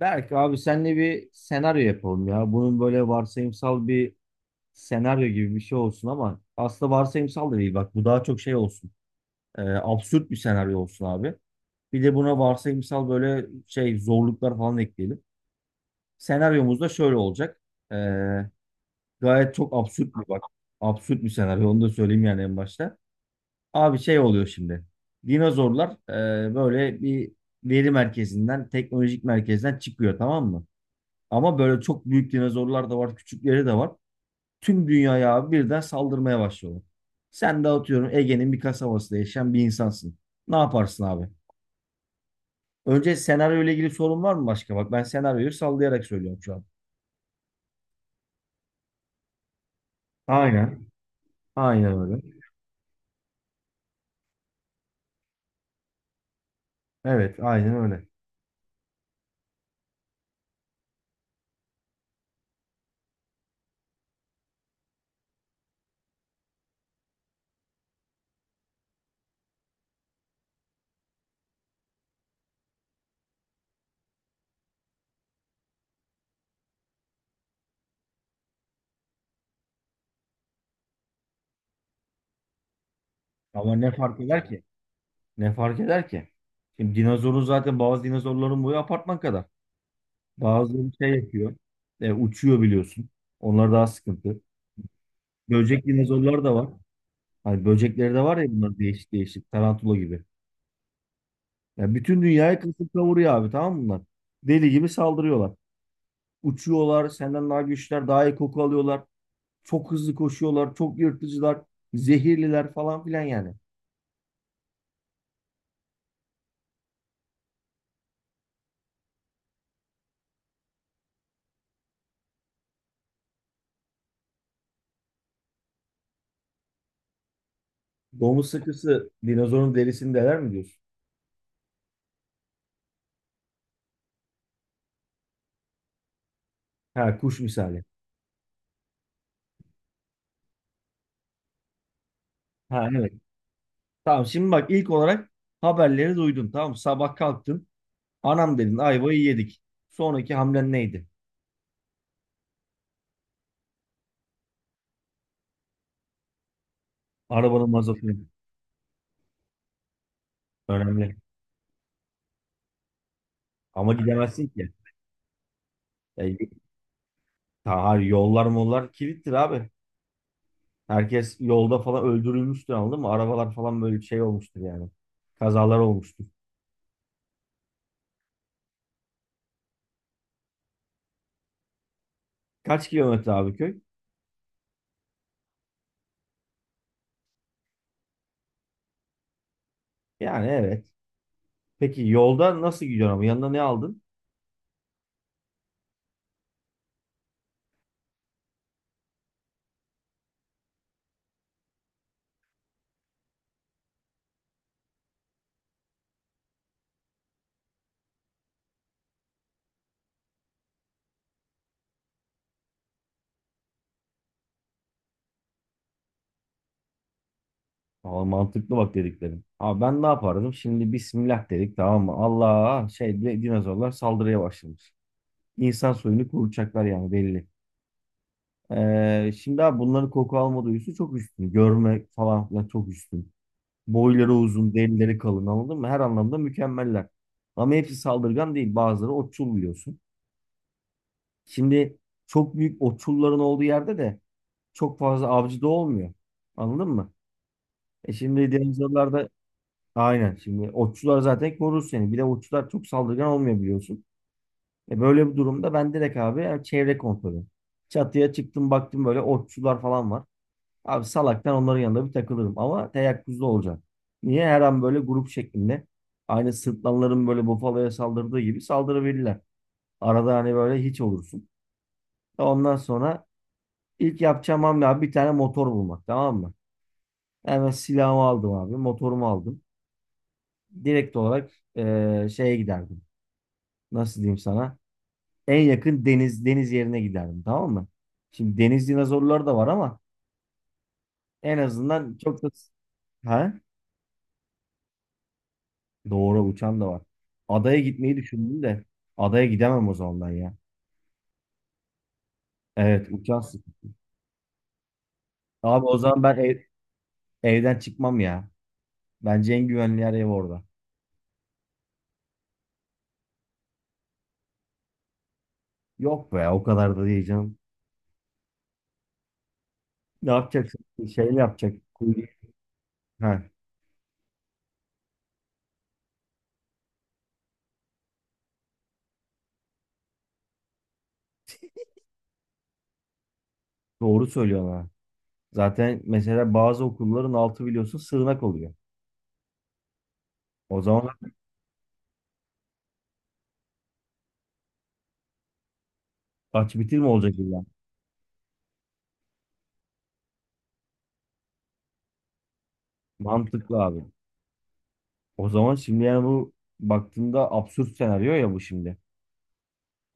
Berk abi senle bir senaryo yapalım ya. Bunun böyle varsayımsal bir senaryo gibi bir şey olsun ama aslında varsayımsal da değil bak bu daha çok şey olsun. Absürt bir senaryo olsun abi. Bir de buna varsayımsal böyle şey zorluklar falan ekleyelim. Senaryomuz da şöyle olacak. Ee, Gayet çok absürt bir bak. Absürt bir senaryo onu da söyleyeyim yani en başta. Abi şey oluyor şimdi. Dinozorlar böyle bir veri merkezinden, teknolojik merkezden çıkıyor, tamam mı? Ama böyle çok büyük dinozorlar da var, küçükleri de var. Tüm dünyaya abi birden saldırmaya başlıyorlar. Sen de atıyorum Ege'nin bir kasabasında yaşayan bir insansın. Ne yaparsın abi? Önce senaryo ile ilgili sorun var mı başka? Bak ben senaryoyu sallayarak söylüyorum şu an. Aynen. Aynen öyle. Evet, aynen öyle. Ama ne fark eder ki? Ne fark eder ki? Şimdi dinozorun zaten bazı dinozorların boyu apartman kadar. Bazıları şey yapıyor. Uçuyor biliyorsun. Onlar daha sıkıntı. Böcek dinozorlar da var. Hani böcekleri de var ya bunlar değişik değişik. Tarantula gibi. Ya bütün dünyayı kasıp kavuruyor abi, tamam mı bunlar? Deli gibi saldırıyorlar. Uçuyorlar. Senden daha güçlüler. Daha iyi koku alıyorlar. Çok hızlı koşuyorlar. Çok yırtıcılar. Zehirliler falan filan yani. Domuz sıkısı dinozorun derisini deler mi diyorsun? Ha, kuş misali. Ha, evet. Tamam, şimdi bak, ilk olarak haberleri duydun. Tamam mı? Sabah kalktın. Anam dedin ayvayı yedik. Sonraki hamlen neydi? Arabanın mazotunu. Önemli. Ama gidemezsin ki. Yani. Ha, hayır, yollar mollar kilittir abi. Herkes yolda falan öldürülmüştür, anladın mı? Arabalar falan böyle şey olmuştur yani. Kazalar olmuştur. Kaç kilometre abi köy? Yani evet. Peki yolda nasıl gidiyorsun ama yanına ne aldın? Aa, mantıklı bak dediklerim. Abi ben ne yapardım? Şimdi Bismillah dedik, tamam mı? Allah şey dinozorlar saldırıya başlamış. İnsan soyunu kuracaklar yani, belli. Şimdi abi bunların koku alma duyusu çok üstün. Görme falan filan çok üstün. Boyları uzun, delileri kalın, anladın mı? Her anlamda mükemmeller. Ama hepsi saldırgan değil. Bazıları otçul biliyorsun. Şimdi çok büyük otçulların olduğu yerde de çok fazla avcı da olmuyor. Anladın mı? Şimdi denizlerde aynen, şimdi otçular zaten korur seni. Bir de otçular çok saldırgan olmuyor biliyorsun. Böyle bir durumda ben direkt abi, yani çevre kontrolü. Çatıya çıktım, baktım böyle otçular falan var. Abi salaktan onların yanında bir takılırım ama teyakkuzda olacağım. Niye? Her an böyle grup şeklinde aynı sırtlanların böyle bufaloya saldırdığı gibi saldırabilirler. Arada hani böyle hiç olursun. Ondan sonra ilk yapacağım hamle abi bir tane motor bulmak, tamam mı? Hemen silahımı aldım abi, motorumu aldım. Direkt olarak şeye giderdim. Nasıl diyeyim sana? En yakın deniz yerine giderdim, tamam mı? Şimdi deniz dinozorları da var ama en azından çok da... Ha? Doğru, uçan da var. Adaya gitmeyi düşündüm de adaya gidemem o zaman ben ya. Evet, uçan sıkıntı. Abi o zaman ben evden çıkmam ya. Bence en güvenli yer ev orada. Yok be, o kadar da değil canım. Ne yapacaksın? Şey ne yapacak? Ha, doğru söylüyorsun ha. Zaten mesela bazı okulların altı biliyorsun sığınak oluyor. O zaman aç bitir mi olacak illa? Mantıklı abi. O zaman şimdi yani bu baktığında absürt senaryo ya bu şimdi.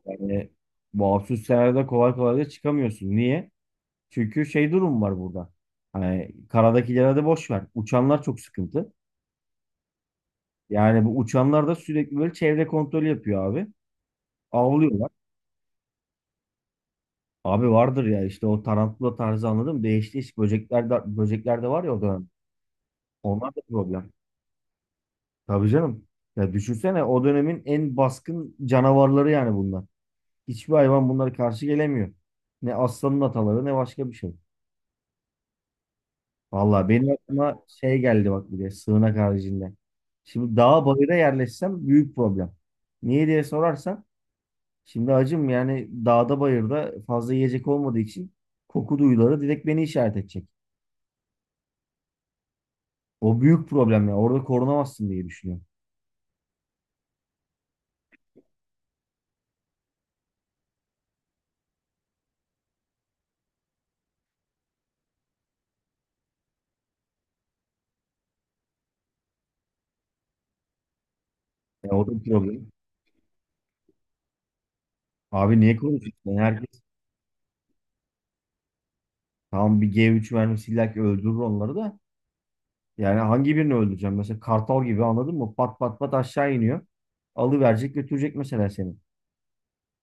Yani bu absürt senaryoda kolay kolay da çıkamıyorsun. Niye? Çünkü şey durum var burada. Hani karadakilere de boş ver. Uçanlar çok sıkıntı. Yani bu uçanlar da sürekli böyle çevre kontrolü yapıyor abi. Avlıyorlar. Abi vardır ya, işte o tarantula tarzı, anladın mı? Değişik değişik böcekler de, böcekler de var ya o dönem. Onlar da problem. Tabii canım. Ya düşünsene, o dönemin en baskın canavarları yani bunlar. Hiçbir hayvan bunlara karşı gelemiyor. Ne aslanın ataları ne başka bir şey. Vallahi benim aklıma şey geldi bak, bir de sığınak haricinde. Şimdi dağa bayıra yerleşsem büyük problem. Niye diye sorarsan, şimdi acım yani dağda bayırda fazla yiyecek olmadığı için koku duyuları direkt beni işaret edecek. O büyük problem ya. Orada korunamazsın diye düşünüyorum. Ya o da bir problem. Abi niye konuşuyorsun? Yani herkes tamam, bir G3 vermiş illa ki öldürür onları da. Yani hangi birini öldüreceğim? Mesela kartal gibi, anladın mı? Pat pat pat aşağı iniyor. Alıverecek, götürecek mesela seni.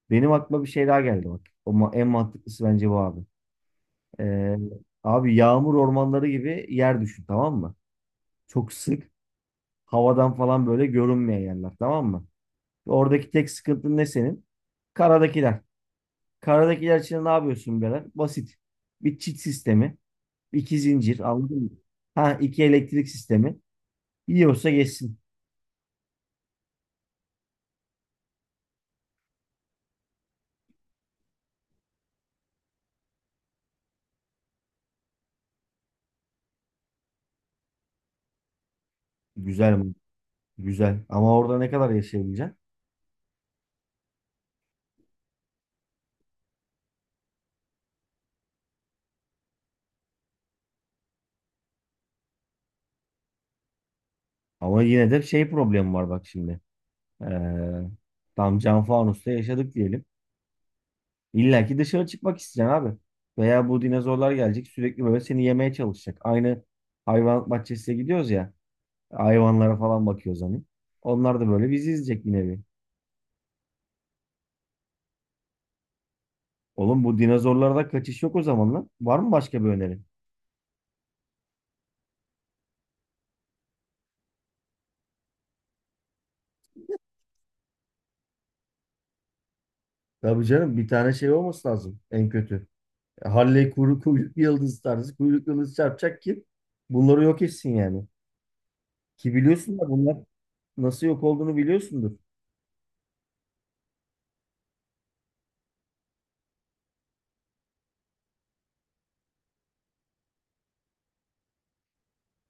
Benim aklıma bir şey daha geldi bak. Ama en mantıklısı bence bu abi. Ee, Abi yağmur ormanları gibi yer düşün, tamam mı? Çok sık havadan falan böyle görünmeyen yerler, tamam mı? Oradaki tek sıkıntın ne senin? Karadakiler. Karadakiler için ne yapıyorsun birader? Basit. Bir, çit sistemi; iki, zincir, anladın mı? Ha, iki elektrik sistemi. Yiyorsa geçsin. Güzel mi? Güzel. Ama orada ne kadar yaşayabileceksin? Ama yine de şey problemi var bak şimdi. Ee, Tam cam fanusta yaşadık diyelim. İlla ki dışarı çıkmak isteyeceksin abi. Veya bu dinozorlar gelecek, sürekli böyle seni yemeye çalışacak. Aynı hayvan bahçesine gidiyoruz ya. Hayvanlara falan bakıyoruz hani. Onlar da böyle bizi izleyecek, yine bir nevi. Oğlum, bu dinozorlarda kaçış yok o zaman lan. Var mı başka bir öneri? Tabii canım, bir tane şey olması lazım en kötü. Halley kuru kuyruklu yıldız tarzı kuyruklu yıldız çarpacak ki bunları yok etsin yani. Ki biliyorsun da bunlar nasıl yok olduğunu biliyorsundur.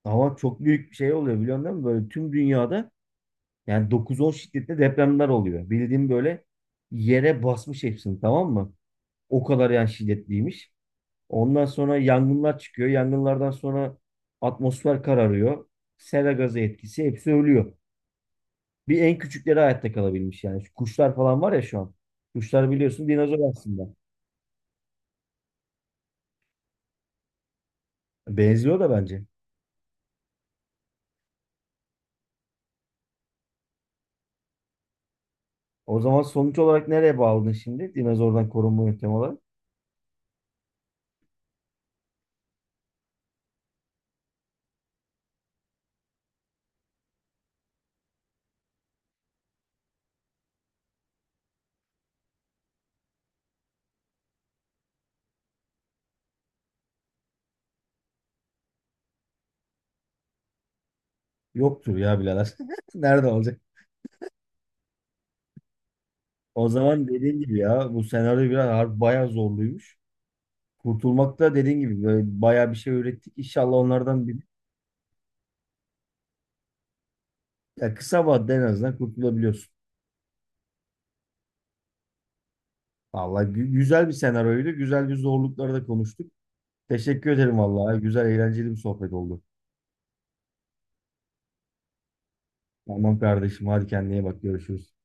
Ama çok büyük bir şey oluyor biliyorsun, değil? Böyle tüm dünyada yani 9-10 şiddetli depremler oluyor. Bildiğim böyle yere basmış hepsini, tamam mı? O kadar yani şiddetliymiş. Ondan sonra yangınlar çıkıyor. Yangınlardan sonra atmosfer kararıyor. Sera gazı etkisi, hepsi ölüyor. Bir en küçükleri hayatta kalabilmiş yani. Şu kuşlar falan var ya şu an. Kuşlar biliyorsun dinozor aslında. Benziyor da bence. O zaman sonuç olarak nereye bağladın şimdi? Dinozordan korunma yöntemi olarak. Yoktur ya birader. Nerede olacak? O zaman dediğin gibi ya, bu senaryo biraz harbi bayağı zorluymuş. Kurtulmak da dediğin gibi böyle bayağı bir şey öğrettik. İnşallah onlardan bir, ya kısa vadede en azından kurtulabiliyorsun. Vallahi güzel bir senaryoydu. Güzel bir zorlukları da konuştuk. Teşekkür ederim vallahi. Güzel, eğlenceli bir sohbet oldu. Tamam kardeşim, hadi kendine iyi bak, görüşürüz.